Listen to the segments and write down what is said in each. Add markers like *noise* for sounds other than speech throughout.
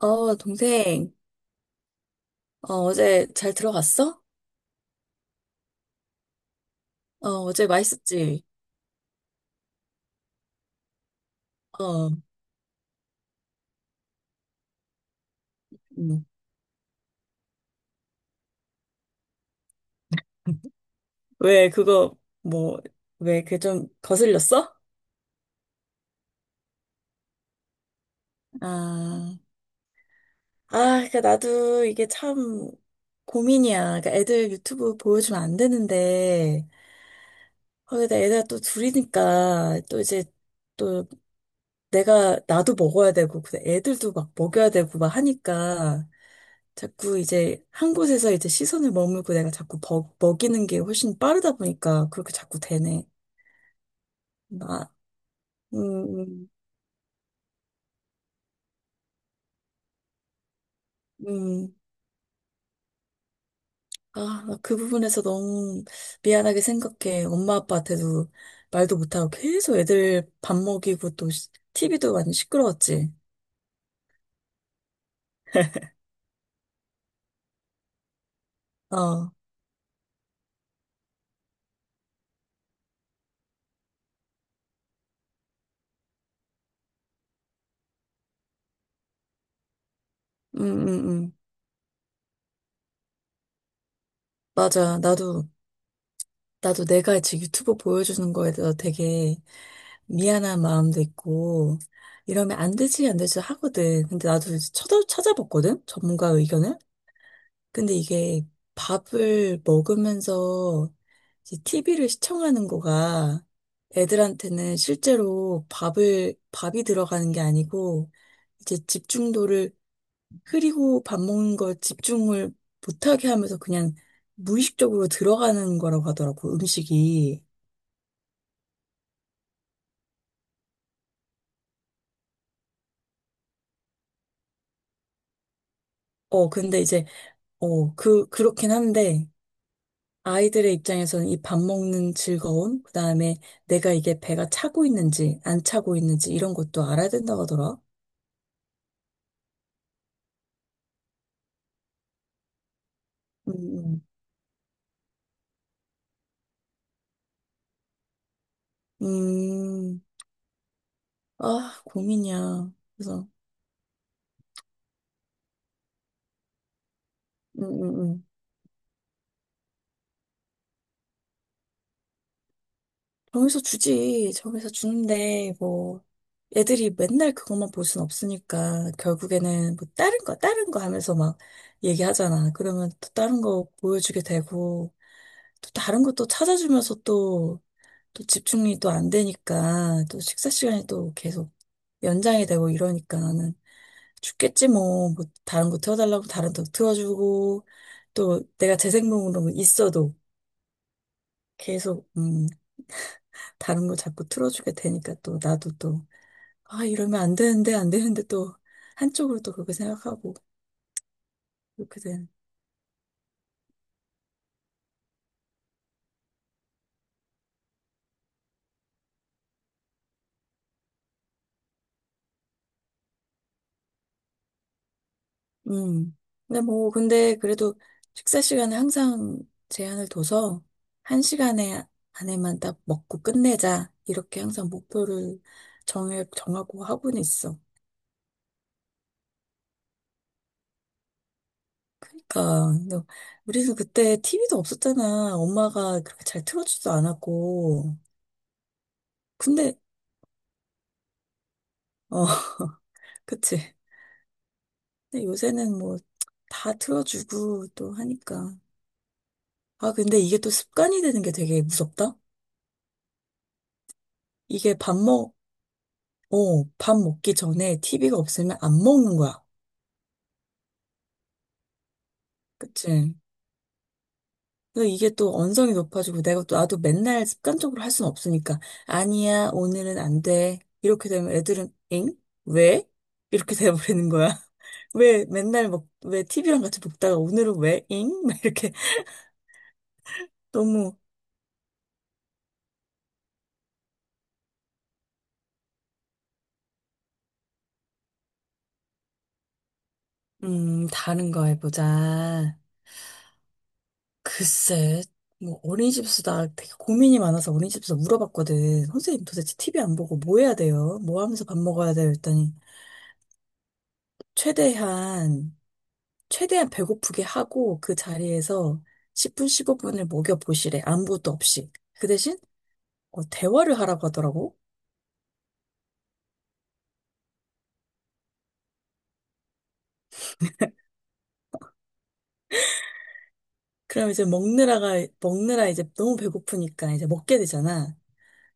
어, 동생, 어, 어제 잘 들어갔어? 어, 어제 맛있었지? 어, 음. *laughs* 왜, 그거, 뭐, 왜, 그 좀 거슬렸어? 아, 아, 그니까 나도 이게 참 고민이야. 그니까 애들 유튜브 보여주면 안 되는데, 거기다 애들 또 둘이니까, 또 이제, 또 나도 먹어야 되고, 근데 애들도 막 먹여야 되고, 막 하니까, 자꾸 이제 한 곳에서 이제 시선을 머물고 내가 자꾸 먹이는 게 훨씬 빠르다 보니까 그렇게 자꾸 되네. 나, 음, 음, 음. 아, 나그 부분에서 너무 미안하게 생각해. 엄마 아빠한테도 말도 못하고 계속 애들 밥 먹이고 또 TV도 많이 시끄러웠지. 어, 음, 음, 음. 맞아. 나도 내가 지금 유튜브 보여주는 거에 대해서 되게 미안한 마음도 있고, 이러면 안 되지, 안 되지 하거든. 근데 나도 이제 찾아봤거든? 전문가 의견을? 근데 이게 밥을 먹으면서 이제 TV를 시청하는 거가 애들한테는 실제로 밥이 들어가는 게 아니고, 이제 집중도를 흐리고 밥 먹는 걸 집중을 못하게 하면서 그냥 무의식적으로 들어가는 거라고 하더라고, 음식이. 어, 근데 이제, 어, 그, 그렇긴 한데, 아이들의 입장에서는 이 밥 먹는 즐거움, 그다음에 내가 이게 배가 차고 있는지 안 차고 있는지 이런 것도 알아야 된다고 하더라. 음, 음, 음. 아, 고민이야. 그래서, 음, 음, 음. 정해서 주지. 정해서 주는데, 뭐, 애들이 맨날 그것만 볼 순 없으니까, 결국에는 뭐, 다른 거, 다른 거 하면서 막 얘기하잖아. 그러면 또 다른 거 보여주게 되고, 또 다른 것도 찾아주면서 또, 또 집중이 또 안 되니까 또 식사 시간이 또 계속 연장이 되고 이러니까 나는 죽겠지 뭐, 뭐 다른 거 틀어달라고 다른 거 틀어주고 또 내가 재생목으로 있어도 계속 다른 거 자꾸 틀어주게 되니까 또 나도 또 아 이러면 안 되는데 안 되는데 또 한쪽으로 또 그렇게 생각하고 이렇게 음. 근데 뭐, 근데 그래도 식사 시간에 항상 제한을 둬서 한 시간에 안에만 딱 먹고 끝내자. 이렇게 항상 목표를 정하고 하고는 있어. 그러니까, 너- 우리는 그때 TV도 없었잖아. 엄마가 그렇게 잘 틀어주지도 않았고. 근데, 어, *laughs* 그치. 근데 요새는 뭐, 다 틀어주고 또 하니까. 아, 근데 이게 또 습관이 되는 게 되게 무섭다? 이게 밥 먹기 전에 TV가 없으면 안 먹는 거야. 그치? 그래서 이게 또 언성이 높아지고 내가 또 나도 맨날 습관적으로 할 수는 없으니까 아니야, 오늘은 안 돼. 이렇게 되면 애들은 엥? 왜? 이렇게 돼버리는 거야. *laughs* 왜 TV랑 같이 먹다가 오늘은 왜 잉? *laughs* 막 이렇게 너무 다른 거 해보자. 글쎄, 뭐 어린이집에서 되게 고민이 많아서 어린이집에서 물어봤거든. 선생님 도대체 TV 안 보고 뭐 해야 돼요? 뭐 하면서 밥 먹어야 돼요? 했더니 최대한, 최대한 배고프게 하고 그 자리에서 10분, 15분을 먹여보시래. 아무것도 없이. 그 대신, 어, 대화를 하라고 하더라고. 그럼 이제 먹느라 이제 너무 배고프니까 이제 먹게 되잖아.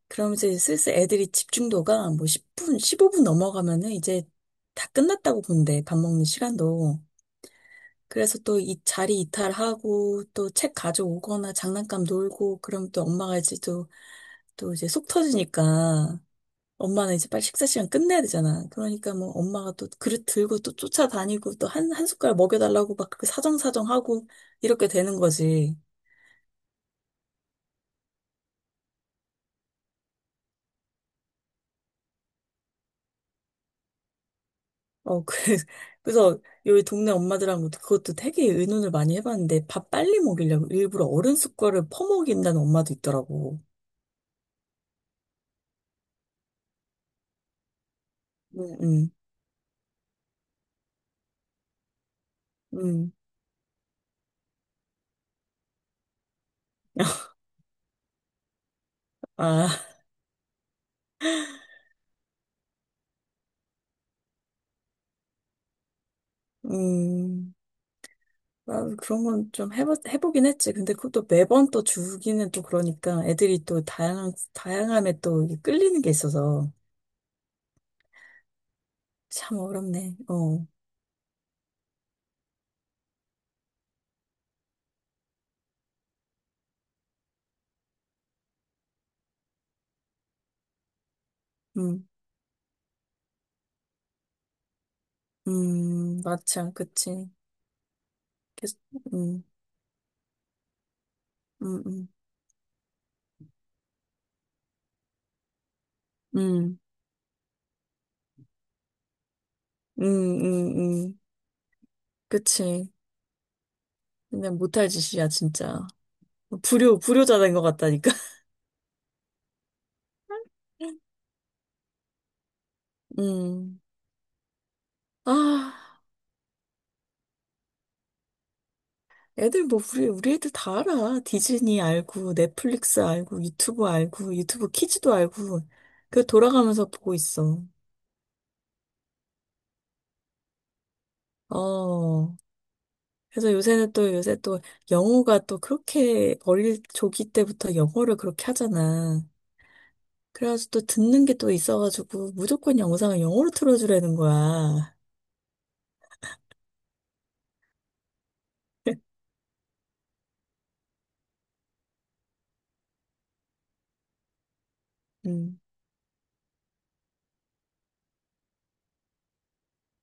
그럼 이제 슬슬 애들이 집중도가 뭐 10분, 15분 넘어가면은 이제 다 끝났다고 본대. 밥 먹는 시간도. 그래서 또 이 자리 이탈하고 또 책 가져오거나 장난감 놀고 그럼 또 엄마가 이제 또, 또 이제 속 터지니까 엄마는 이제 빨리 식사 시간 끝내야 되잖아. 그러니까 뭐 엄마가 또 그릇 들고 또 쫓아다니고 또 한 숟가락 먹여달라고 막 그렇게 사정사정하고 이렇게 되는 거지. 어, 그, *laughs* 그래서 여기 동네 엄마들하고 그것도 되게 의논을 많이 해봤는데 밥 빨리 먹이려고 일부러 어른 숟가락을 퍼먹인다는 엄마도 있더라고. 음, 음, 음. *laughs* 아, 음. 아, 그런 건 좀 해보긴 했지. 근데 그것도 매번 또 주기는 또 그러니까 애들이 또 다양함에 또 이게 끌리는 게 있어서. 참 어렵네. 어, 음, 맞아, 그치. 계속, 음, 음, 음, 음, 음, 음, 음. 그치. 그냥 못할 짓이야, 진짜. 불효자 된 것 같다니까. *laughs* 음, 아, 애들 뭐, 우리 애들 다 알아. 디즈니 알고, 넷플릭스 알고, 유튜브 알고, 유튜브 키즈도 알고. 그 돌아가면서 보고 있어. 어, 그래서 요새는 또 요새 또 영어가 또 그렇게 어릴 조기 때부터 영어를 그렇게 하잖아. 그래가지고 또 듣는 게 또 있어가지고 무조건 영상을 영어로 틀어주라는 거야. 음.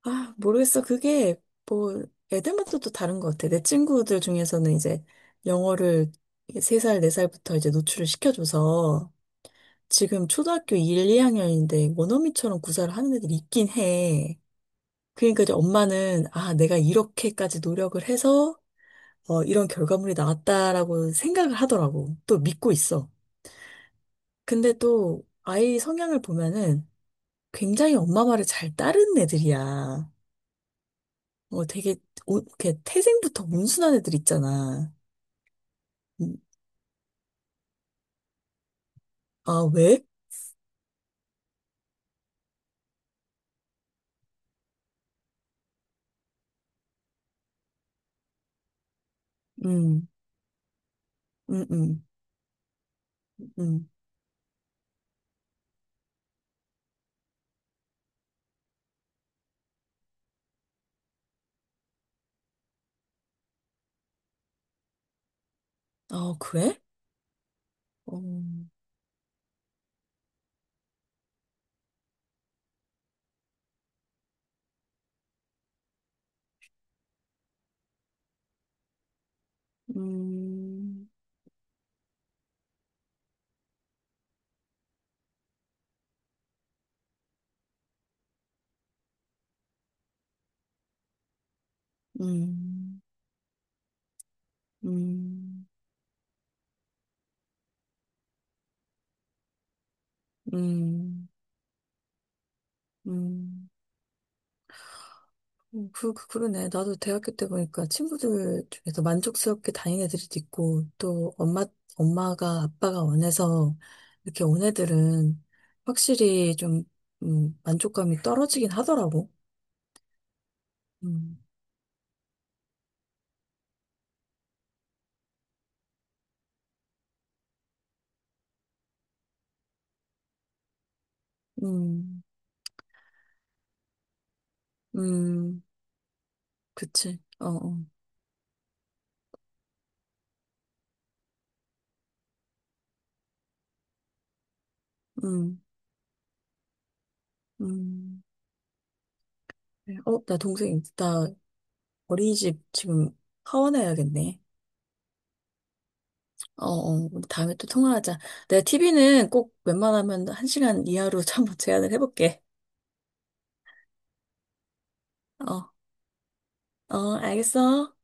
아, 모르겠어. 그게 뭐 애들마다 또 다른 것 같아. 내 친구들 중에서는 이제 영어를 3살, 4살부터 이제 노출을 시켜줘서 지금 초등학교 1, 2학년인데 원어민처럼 구사를 하는 애들이 있긴 해. 그러니까 이제 엄마는 아, 내가 이렇게까지 노력을 해서 어, 이런 결과물이 나왔다라고 생각을 하더라고. 또 믿고 있어. 근데 또 아이 성향을 보면은 굉장히 엄마 말을 잘 따르는 애들이야. 어, 되게, 오, 이렇게 태생부터 온순한 애들 있잖아. 음, 아, 왜? 음, 음, 음, 음. 아, 그래? 어, 음, 음, 음, 음. 음. 그러네. 나도 대학교 때 보니까 친구들 중에서 만족스럽게 다닌 애들이 있고, 또 엄마가, 아빠가 원해서 이렇게 온 애들은 확실히 좀, 만족감이 떨어지긴 하더라고. 음, 음, 음, 그치. 어, 어, 음, 음. 그래. 어, 나 동생, 나 어린이집 지금 하원해야겠네. 어, 어, 우리 다음에 또 통화하자. 내가 TV는 꼭 웬만하면 한시간 이하로 *laughs* 한번 제한을 해볼게. 어. 어, 알겠어.